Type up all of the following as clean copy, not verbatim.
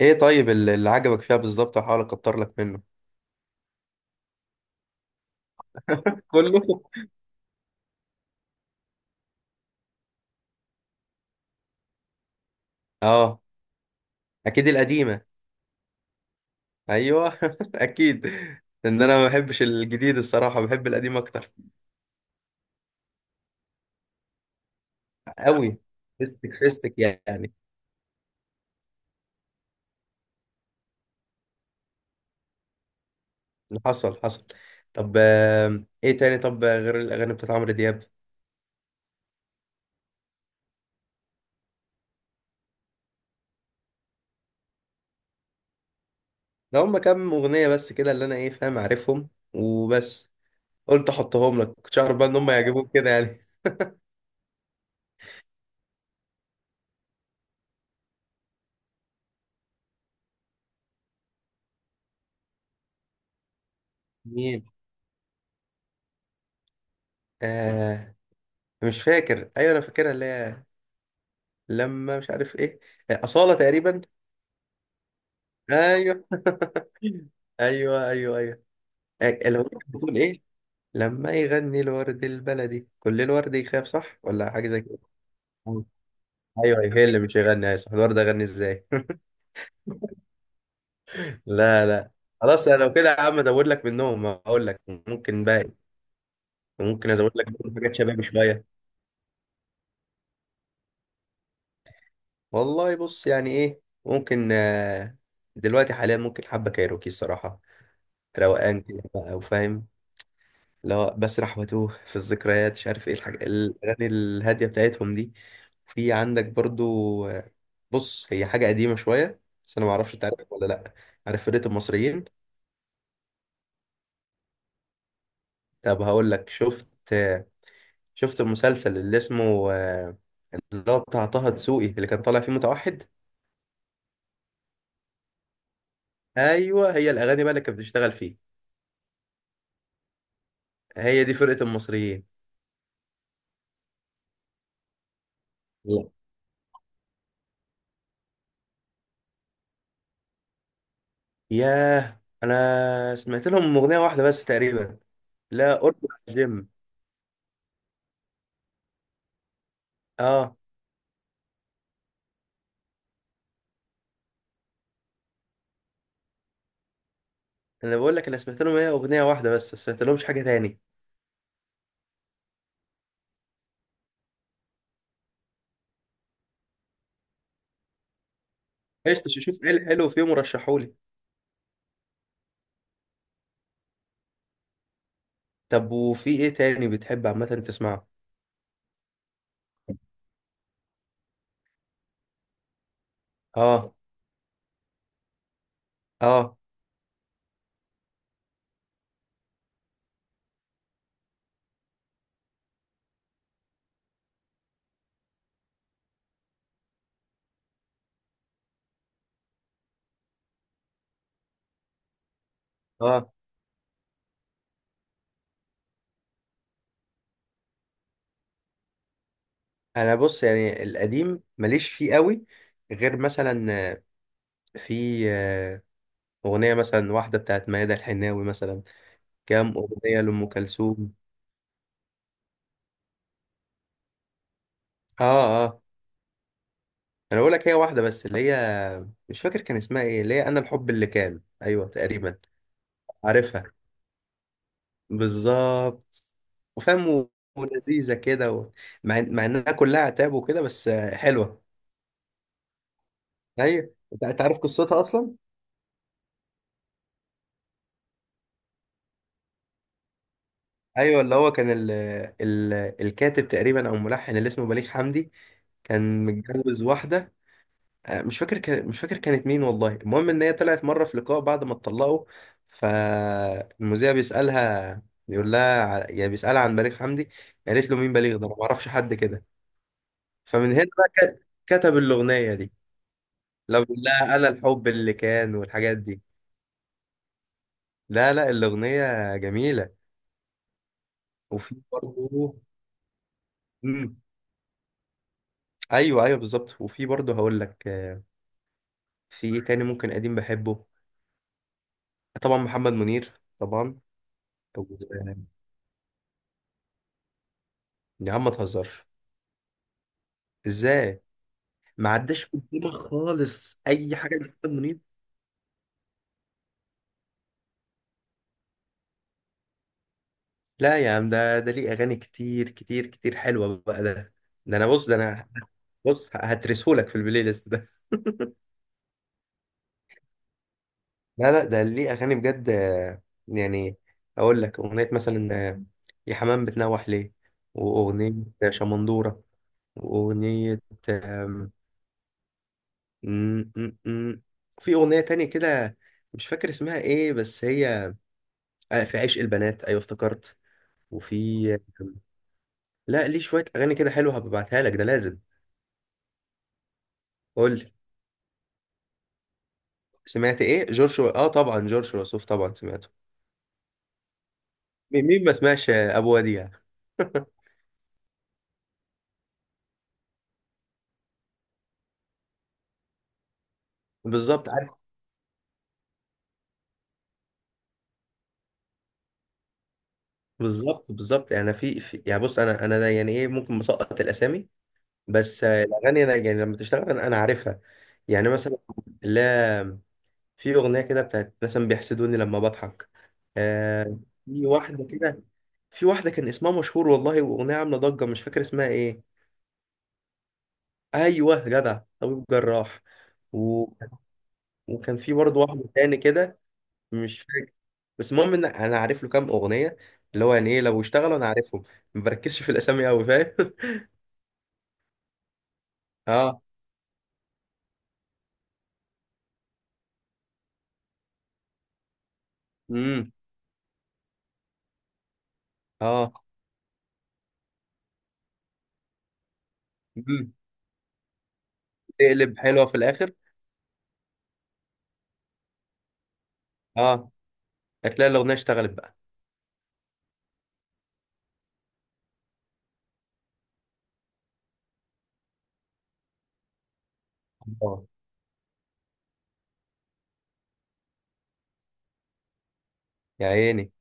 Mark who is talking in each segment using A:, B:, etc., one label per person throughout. A: ايه، طيب، اللي عجبك فيها بالظبط؟ هحاول اكتر لك منه. كله. اه، اكيد القديمه. ايوه اكيد. انا ما بحبش الجديد الصراحه، بحب القديم اكتر. قوي. فيستك فيستك يعني. حصل حصل. طب، ايه تاني؟ طب غير الاغاني بتاعت عمرو دياب؟ ده هم كام اغنيه بس كده اللي انا ايه فاهم، عارفهم وبس. قلت احطهم لك، كنتش اعرف بقى ان هم يعجبوك كده يعني. مين؟ آه، مش فاكر. ايوه انا فاكرها اللي هي لما مش عارف ايه. اصاله تقريبا. ايوه. ايوه، ايوه، ايوه. الأغنية كانت بتقول ايه؟ لما يغني الورد البلدي كل الورد يخاف، صح ولا حاجه زي كده؟ ايوه. أيوة، هي اللي مش يغني. ايوه صح، الورد اغني ازاي؟ لا، لا. خلاص، انا لو كده يا عم ازود لك منهم، اقول لك. ممكن باقي. ممكن ازود لك برضه حاجات شبابي شويه. والله بص يعني ايه ممكن، دلوقتي حاليا ممكن حبه كايروكي الصراحه. روقان كده بقى وفاهم. لا، بسرح واتوه في الذكريات مش عارف ايه الحاجة، الأغاني الهادية بتاعتهم دي. في عندك برضو، بص هي حاجة قديمة شوية. بس أنا معرفش أنت عارف ولا لأ. عارف فرقة المصريين؟ طب هقول لك، شفت، شفت المسلسل اللي اسمه، اللي هو بتاع طه دسوقي اللي كان طالع فيه متوحد؟ أيوه، هي الأغاني بقى اللي كانت بتشتغل فيه. هي دي فرقة المصريين. لا. ياه. أنا سمعت لهم أغنية واحدة بس تقريبا. لا أرجع الجيم. اه، انا بقول لك انا سمعت لهم هي اغنيه واحده بس، ما سمعت لهمش حاجه تاني. قشطه، شوف ايه الحلو فيهم ورشحولي. طب وفي ايه تاني بتحب عامه تسمعه؟ اه، اه، اه. انا بص يعني القديم ماليش فيه قوي، غير مثلا، في اغنيه مثلا واحده بتاعت ميادة الحناوي مثلا. كام اغنيه لام كلثوم. اه، اه. انا بقول لك هي واحده بس اللي هي مش فاكر كان اسمها ايه، اللي هي انا الحب اللي كان، ايوه تقريبا. عارفها. بالظبط وفاهم، ولذيذه كده، مع انها كلها عتاب وكده بس حلوه. ايوه، انت عارف قصتها اصلا؟ ايوه، اللي هو كان ال... الكاتب تقريبا او الملحن اللي اسمه بليغ حمدي. كان متجوز واحده، مش فاكر كانت مين والله. المهم ان هي طلعت مره في لقاء بعد ما اتطلقوا. فالمذيع بيسالها، بيقول لها، يعني بيسالها عن بليغ حمدي. قالت له مين بليغ ده، انا ما اعرفش حد كده. فمن هنا بقى كتب الاغنيه دي. لو بيقول لها انا الحب اللي كان والحاجات دي. لا، لا، الاغنيه جميله. وفي برضه. مم. ايوه، ايوه، بالظبط. وفي برضه هقول لك، في ايه تاني ممكن قديم بحبه. طبعا محمد منير. طبعا. طب- آه، يا عم ما تهزرش. ازاي؟ ما عداش قدامك خالص اي حاجه لمحمد منير؟ لا يا عم، ده ليه اغاني كتير كتير كتير حلوه بقى ده. ده انا بص هترسهولك في البلاي ليست ده. لا، لا، ده ليه اغاني بجد، يعني اقول لك اغنيه مثلا، يا حمام بتنوح ليه، واغنيه شمندوره، واغنيه آم، م- م- م. في اغنيه تانية كده مش فاكر اسمها ايه بس هي، في عشق البنات، ايوه افتكرت. وفي، لا ليه شويه اغاني كده حلوه هبعتها لك، ده لازم. قول لي. سمعت ايه؟ اه طبعا، جورج وسوف طبعا سمعته. مين ما سمعش، ابو وديع. بالظبط، بالظبط، بالظبط. يعني في يعني بص انا ده يعني ايه ممكن مسقط الاسامي، بس الاغاني انا يعني لما تشتغل انا عارفها. يعني مثلا، لا، في اغنيه كده بتاعت مثلا بيحسدوني لما بضحك. آه. في واحده كده. في واحده كان اسمها مشهور والله، واغنيه عامله ضجه مش فاكر اسمها ايه. ايوه جدع، طبيب جراح. و... وكان في برضه واحد تاني كده. مش فاكر، بس المهم ان انا عارف له كام اغنيه، اللي هو يعني ايه لو اشتغلوا انا عارفهم. ما بركزش في الاسامي قوي، فاهم. اه. امم. اه. امم. تقلب حلوه في الاخر. اه، هتلاقي الاغنيه اشتغلت بقى. الله. يا عيني.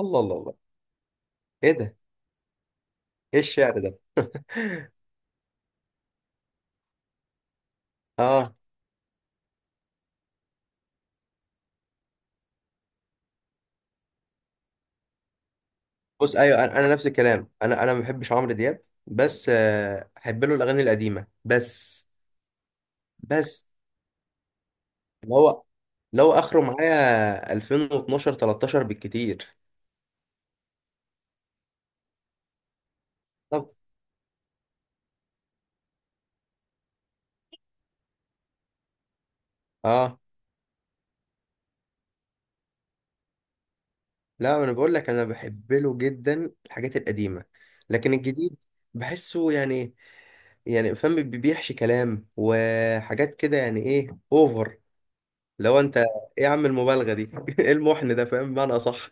A: الله، الله، الله. ايه ده؟ ايه الشعر ده؟ اه بص، ايوه، انا نفس الكلام، انا ما بحبش عمرو دياب بس احب له الاغاني القديمه بس. بس اللي هو لو اخره معايا 2012 13 بالكتير. بالظبط. اه، لا انا بقول لك انا بحب له جدا الحاجات القديمه. لكن الجديد بحسه يعني، يعني فاهم، بيحشي كلام وحاجات كده يعني ايه، اوفر. لو انت ايه؟ يا عم المبالغه دي ايه المحن ده؟ فاهم بمعنى اصح.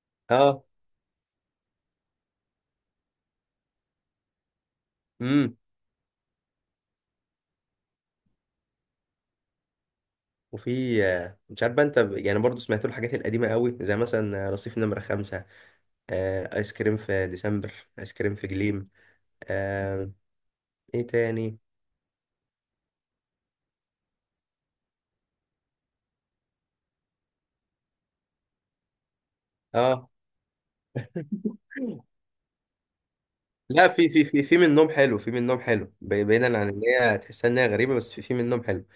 A: اه. امم. وفي، مش عارف بقى انت، يعني برضو سمعت له الحاجات القديمه قوي، زي مثلا رصيف نمره خمسة، آه، ايس كريم في ديسمبر، ايس كريم في جليم، آه. ايه تاني؟ اه، لا، في منهم حلو، في منهم حلو، بعيدا عن ان هي تحسها ان هي غريبه، بس في منهم حلو.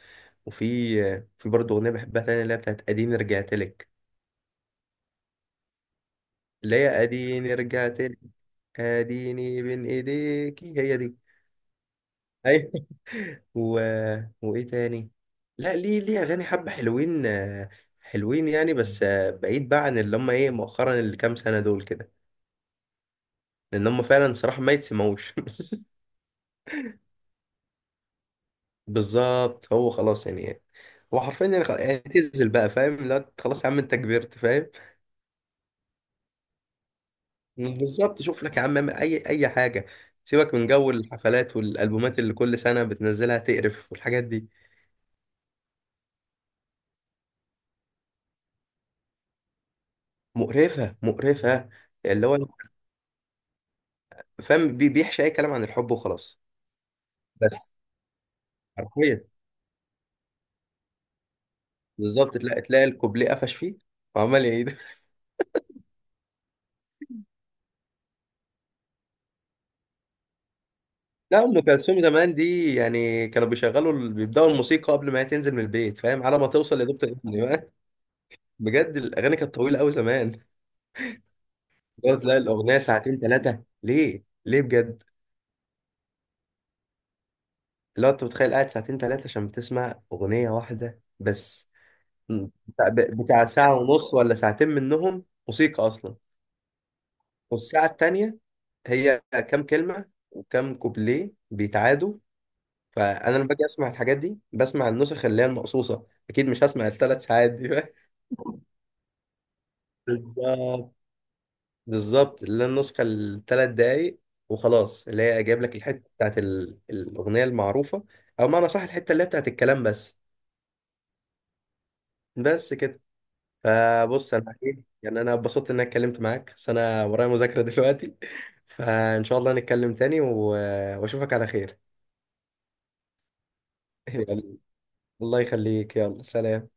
A: وفي، في برضه اغنيه بحبها تانية اللي هي بتاعت اديني رجعت لك. ليه اديني رجعت لك، اديني بين ايديكي، هي دي. ايوه. و... وايه تاني؟ لا، ليه اغاني حبه حلوين، حلوين يعني، بس بعيد بقى عن اللي هم ايه مؤخرا اللي كام سنه دول كده، لان هم فعلا صراحه ما يتسمعوش. بالظبط، هو خلاص يعني، هو حرفيا يعني يعني اعتزل بقى فاهم. لا، أنت خلاص يا عم، انت كبرت فاهم. بالظبط، شوف لك يا عم اعمل اي حاجه. سيبك من جو الحفلات والالبومات اللي كل سنه بتنزلها تقرف والحاجات دي. مقرفة، مقرفة. اللي هو فاهم، بيحشي أي كلام عن الحب وخلاص. بس حرفيا. بالظبط، تلاقي الكوبليه قفش فيه، وعمال يعيد. لا، أم كلثوم زمان دي يعني كانوا بيشغلوا، بيبدأوا الموسيقى قبل ما هي تنزل من البيت، فاهم، على ما توصل لدكتور الابن بقى. بجد الأغاني كانت طويلة أوي زمان. اللي هو تلاقي الأغنية ساعتين، ثلاثة، ليه؟ ليه بجد؟ اللي هو أنت متخيل قاعد ساعتين ثلاثة عشان بتسمع أغنية واحدة بس. بتاع بتاع ساعة ونص ولا ساعتين منهم موسيقى أصلا. والساعة التانية هي كام كلمة وكام كوبليه بيتعادوا. فأنا لما باجي أسمع الحاجات دي بسمع النسخ اللي هي المقصوصة، أكيد مش هسمع الثلاث ساعات دي بقى. بالظبط، بالظبط، اللي هي النسخة الثلاث دقايق وخلاص، اللي هي جايب لك الحتة بتاعت الأغنية المعروفة، أو معنى صح الحتة اللي هي بتاعت الكلام بس. بس كده. فبص أنا إيه يعني، أنا اتبسطت إن أنا اتكلمت معاك بس أنا ورايا مذاكرة دلوقتي. فإن شاء الله نتكلم تاني وأشوفك على خير. يلا. الله يخليك، يلا، سلام.